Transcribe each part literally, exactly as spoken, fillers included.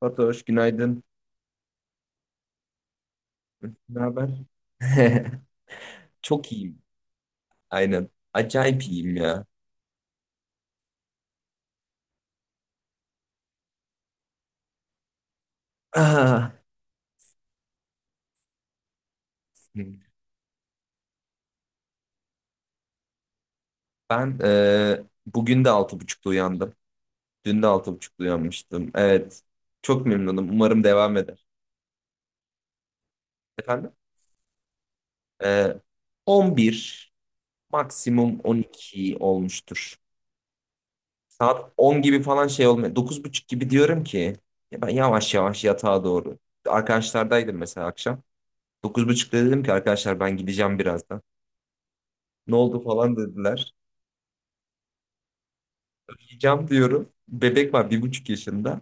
Fatoş, günaydın. Ne haber? Çok iyiyim. Aynen. Acayip iyiyim ya. Ah. Ben e, bugün de altı buçukta uyandım. Dün de altı buçukta uyanmıştım. Evet. Çok memnunum. Umarım devam eder. Efendim? E, on bir, maksimum on iki olmuştur. Saat on gibi falan şey olmuyor. dokuz buçuk gibi diyorum ki ya ben yavaş yavaş yatağa doğru. Arkadaşlardaydım mesela akşam. dokuz buçukta dedim ki arkadaşlar ben gideceğim birazdan. Ne oldu falan dediler. Yiyeceğim diyorum. Bebek var bir buçuk yaşında.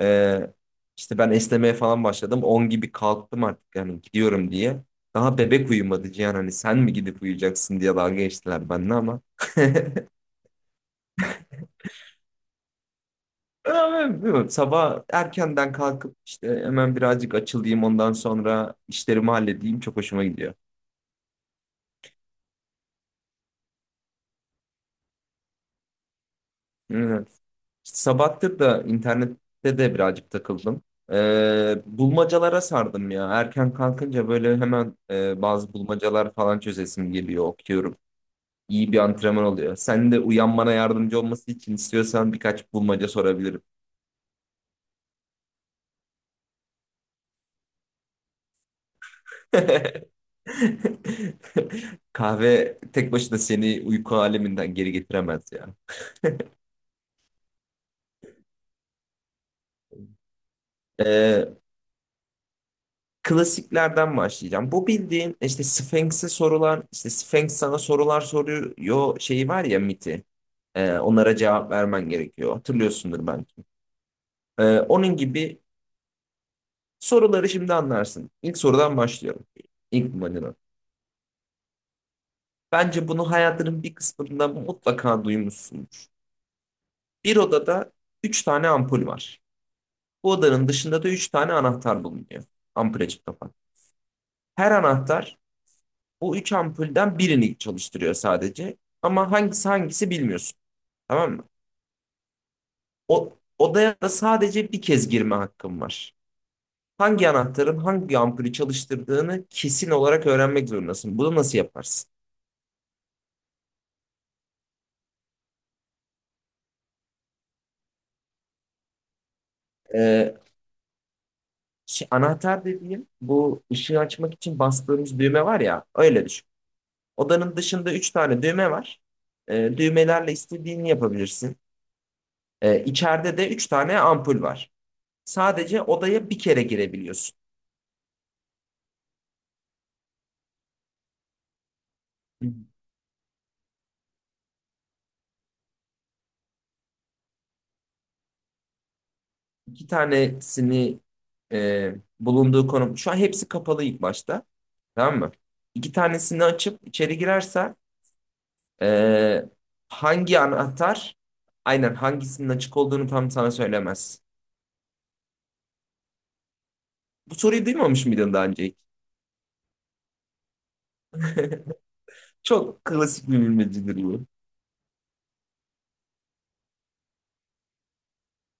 Ee, işte ben esnemeye falan başladım. On gibi kalktım artık yani gidiyorum diye. Daha bebek uyumadı Cihan, hani sen mi gidip uyuyacaksın diye dalga geçtiler benimle ama. Ama bilmiyorum, Sabah erkenden kalkıp işte hemen birazcık açılayım, ondan sonra işlerimi halledeyim, çok hoşuma gidiyor. Evet. Sabahtır da internette de birazcık takıldım. Ee, bulmacalara sardım ya. Erken kalkınca böyle hemen e, bazı bulmacalar falan çözesim geliyor, okuyorum. İyi bir antrenman oluyor. Sen de uyanmana yardımcı olması için istiyorsan birkaç bulmaca sorabilirim. Kahve tek başına seni uyku aleminden geri getiremez ya. Ee, Klasiklerden başlayacağım. Bu bildiğin işte Sphinx'e sorular, işte Sphinx sana sorular soruyor şeyi var ya, miti. Ee, onlara cevap vermen gerekiyor. Hatırlıyorsundur belki. Ee, onun gibi soruları şimdi anlarsın. İlk sorudan başlıyorum. İlk manina. Bence bunu hayatının bir kısmında mutlaka duymuşsundur. Bir odada üç tane ampul var. Bu odanın dışında da üç tane anahtar bulunuyor. Ampule çift kapan. Her anahtar Bu üç ampulden birini çalıştırıyor sadece. Ama hangisi hangisi bilmiyorsun. Tamam mı? O, odaya da sadece bir kez girme hakkın var. Hangi anahtarın hangi ampulü çalıştırdığını kesin olarak öğrenmek zorundasın. Bunu nasıl yaparsın? Ee, şey, Anahtar dediğim, bu ışığı açmak için bastığımız düğme var ya, öyle düşün. Odanın dışında üç tane düğme var. Ee, düğmelerle istediğini yapabilirsin. Ee, içeride de üç tane ampul var. Sadece odaya bir kere girebiliyorsun. İki tanesini e, bulunduğu konum. Şu an hepsi kapalı ilk başta. Tamam mı? İki tanesini açıp içeri girerse e, hangi anahtar aynen hangisinin açık olduğunu tam sana söylemez. Bu soruyu duymamış mıydın daha önce hiç? Çok klasik bir bilmecedir bu.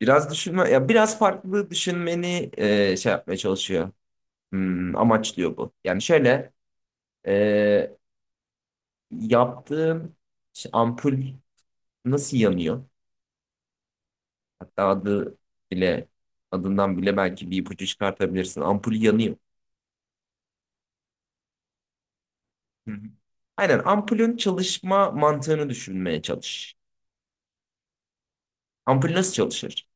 Biraz düşünme, ya biraz farklı düşünmeni e, şey yapmaya çalışıyor. Hmm, amaçlıyor bu. Yani şöyle e, yaptığım işte, ampul nasıl yanıyor? Hatta adı bile adından bile belki bir ipucu çıkartabilirsin. Ampul yanıyor. Hı hı. Aynen, ampulün çalışma mantığını düşünmeye çalış. Ampul nasıl çalışır?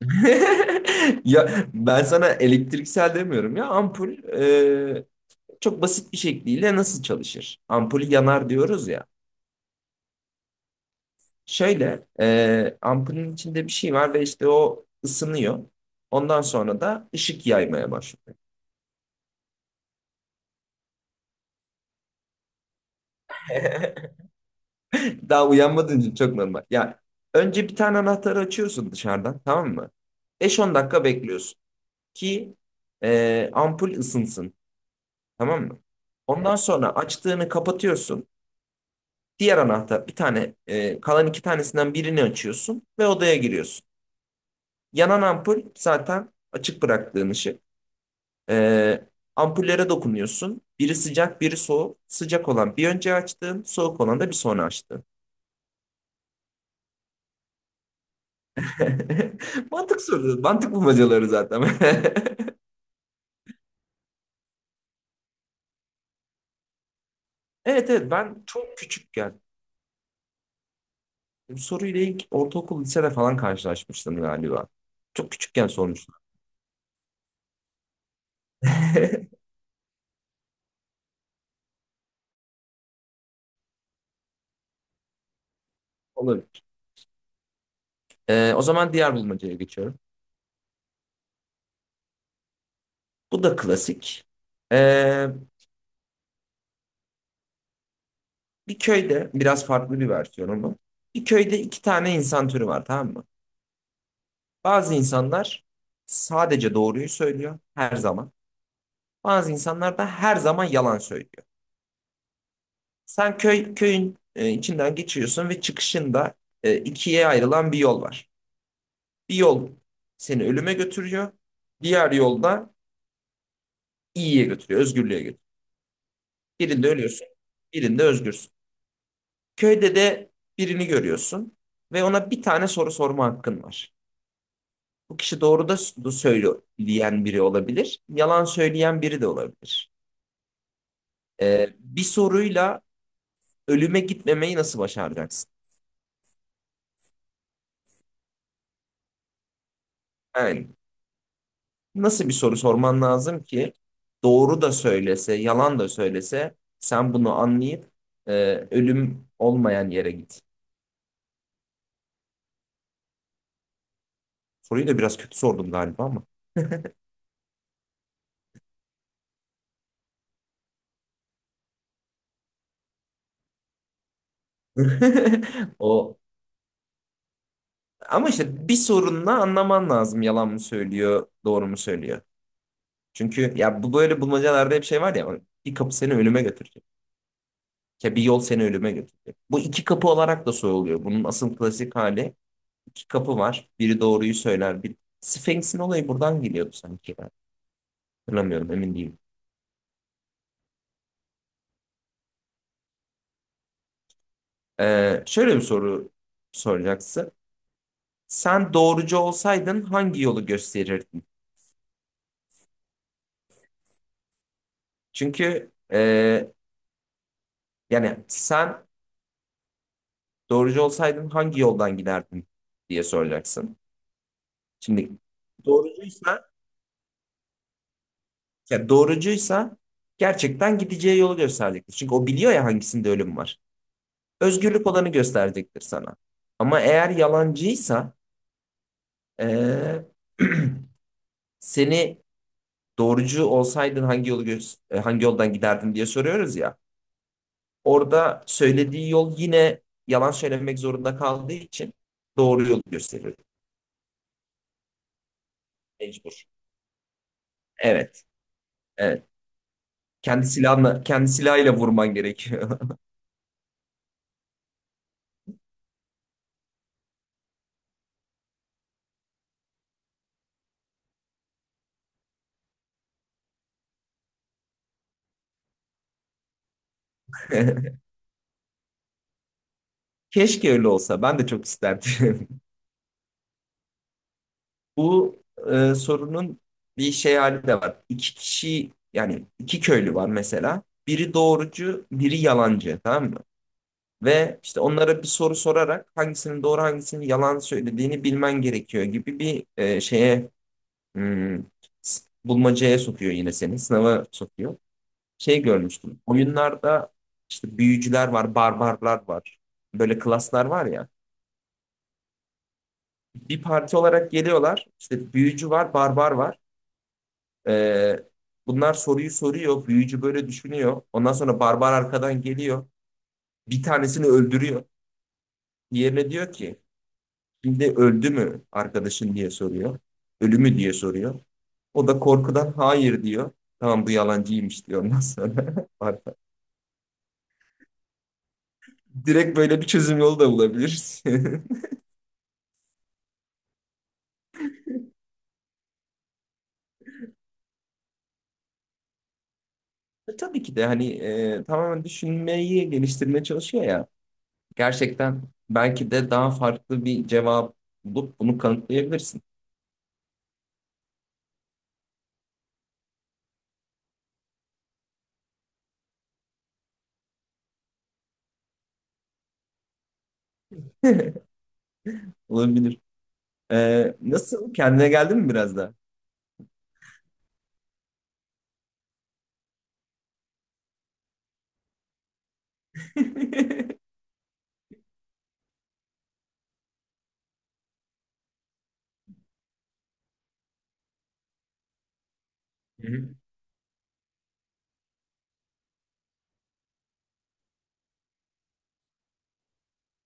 Ya ben sana elektriksel demiyorum ya, ampul e, çok basit bir şekliyle nasıl çalışır? Ampul yanar diyoruz ya. Şöyle e, ampulün içinde bir şey var ve işte o ısınıyor. Ondan sonra da ışık yaymaya başlıyor. Daha uyanmadığın için çok normal. Ya önce bir tane anahtarı açıyorsun dışarıdan, tamam mı? beş on dakika bekliyorsun ki e, ampul ısınsın, tamam mı? Ondan sonra açtığını kapatıyorsun. Diğer anahtar bir tane e, kalan iki tanesinden birini açıyorsun ve odaya giriyorsun. Yanan ampul zaten açık bıraktığın ışık. E, Ampullere dokunuyorsun. Biri sıcak, biri soğuk. Sıcak olan bir önce açtığın, soğuk olan da bir sonra açtığın. Mantık soruları, mantık bulmacaları zaten. Evet evet ben çok küçükken bu soruyla ilk ortaokul lisede falan karşılaşmıştım galiba. Çok küçükken sormuşlar. Olabilir. Ee, o zaman diğer bulmacaya geçiyorum. Bu da klasik. Ee, Bir köyde biraz farklı bir versiyonu bu. Bir köyde iki tane insan türü var, tamam mı? Bazı insanlar sadece doğruyu söylüyor her zaman. Bazı insanlar da her zaman yalan söylüyor. Sen köy köyün e, içinden geçiyorsun ve çıkışında e, ikiye ayrılan bir yol var. Bir yol seni ölüme götürüyor. Diğer yolda iyiye götürüyor, özgürlüğe götürüyor. Birinde ölüyorsun, birinde özgürsün. Köyde de birini görüyorsun ve ona bir tane soru sorma hakkın var. Bu kişi doğru da s- da söyleyen biri olabilir, yalan söyleyen biri de olabilir. E, bir soruyla ölüme gitmemeyi nasıl başaracaksın? Yani Nasıl bir soru sorman lazım ki doğru da söylese, yalan da söylese sen bunu anlayıp e, ölüm olmayan yere git. Soruyu da biraz kötü sordum galiba ama. O, ama işte bir sorunla anlaman lazım, yalan mı söylüyor, doğru mu söylüyor. Çünkü ya bu böyle bulmacalarda hep şey var ya, bir kapı seni ölüme götürecek. Ya bir yol seni ölüme götürecek. Bu iki kapı olarak da soruluyor. Bunun asıl klasik hali, iki kapı var. Biri doğruyu söyler, bir Sphinx'in olayı buradan geliyordu sanki. Hatırlamıyorum, emin değilim. Ee, şöyle bir soru soracaksın. Sen doğrucu olsaydın hangi yolu gösterirdin? Çünkü e, yani sen doğrucu olsaydın hangi yoldan giderdin diye soracaksın. Şimdi doğrucuysa ya doğrucuysa gerçekten gideceği yolu gösterecektir. Çünkü o biliyor ya, hangisinde ölüm var. Özgürlük olanı gösterecektir sana. Ama eğer yalancıysa e, seni, doğrucu olsaydın hangi yolu gö- e, hangi yoldan giderdin diye soruyoruz ya. Orada söylediği yol, yine yalan söylemek zorunda kaldığı için, doğru yolu gösteriyor. Mecbur. Evet, evet. Kendi silahla, kendi silahıyla vurman gerekiyor. Keşke öyle olsa. Ben de çok isterdim. Bu e, sorunun bir şey hali de var. İki kişi, yani iki köylü var mesela. Biri doğrucu, biri yalancı, tamam mı? Ve işte onlara bir soru sorarak hangisinin doğru, hangisinin yalan söylediğini bilmen gerekiyor gibi bir e, şeye, hmm, s- bulmacaya sokuyor, yine seni sınava sokuyor. Şey görmüştüm oyunlarda, işte büyücüler var, barbarlar var, böyle klaslar var ya, bir parti olarak geliyorlar. İşte büyücü var, barbar var. E, Bunlar soruyu soruyor, büyücü böyle düşünüyor, ondan sonra barbar arkadan geliyor, bir tanesini öldürüyor. Diğerine diyor ki, şimdi öldü mü arkadaşın diye soruyor. Ölü mü diye soruyor. O da korkudan hayır diyor. Tamam, bu yalancıymış diyor ondan sonra. Direkt böyle bir çözüm yolu da bulabiliriz. Tabii ki de, hani e, tamamen düşünmeyi geliştirmeye çalışıyor ya. Gerçekten belki de daha farklı bir cevap bulup bunu kanıtlayabilirsin. Olabilir. E, nasıl? Kendine geldin mi biraz da?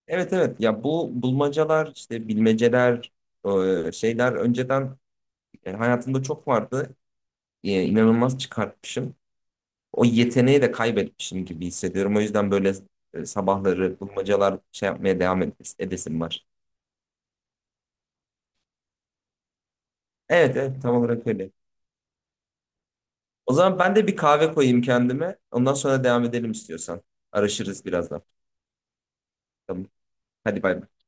Evet evet ya, bu bulmacalar, işte bilmeceler e, şeyler önceden, Yani hayatımda çok vardı. Ee, inanılmaz çıkartmışım. O yeteneği de kaybetmişim gibi hissediyorum. O yüzden böyle e, sabahları bulmacalar şey yapmaya devam edes- edesim var. Evet, evet, tam olarak öyle. O zaman ben de bir kahve koyayım kendime. Ondan sonra devam edelim istiyorsan. Araşırız birazdan. Tamam. Hadi bay bay.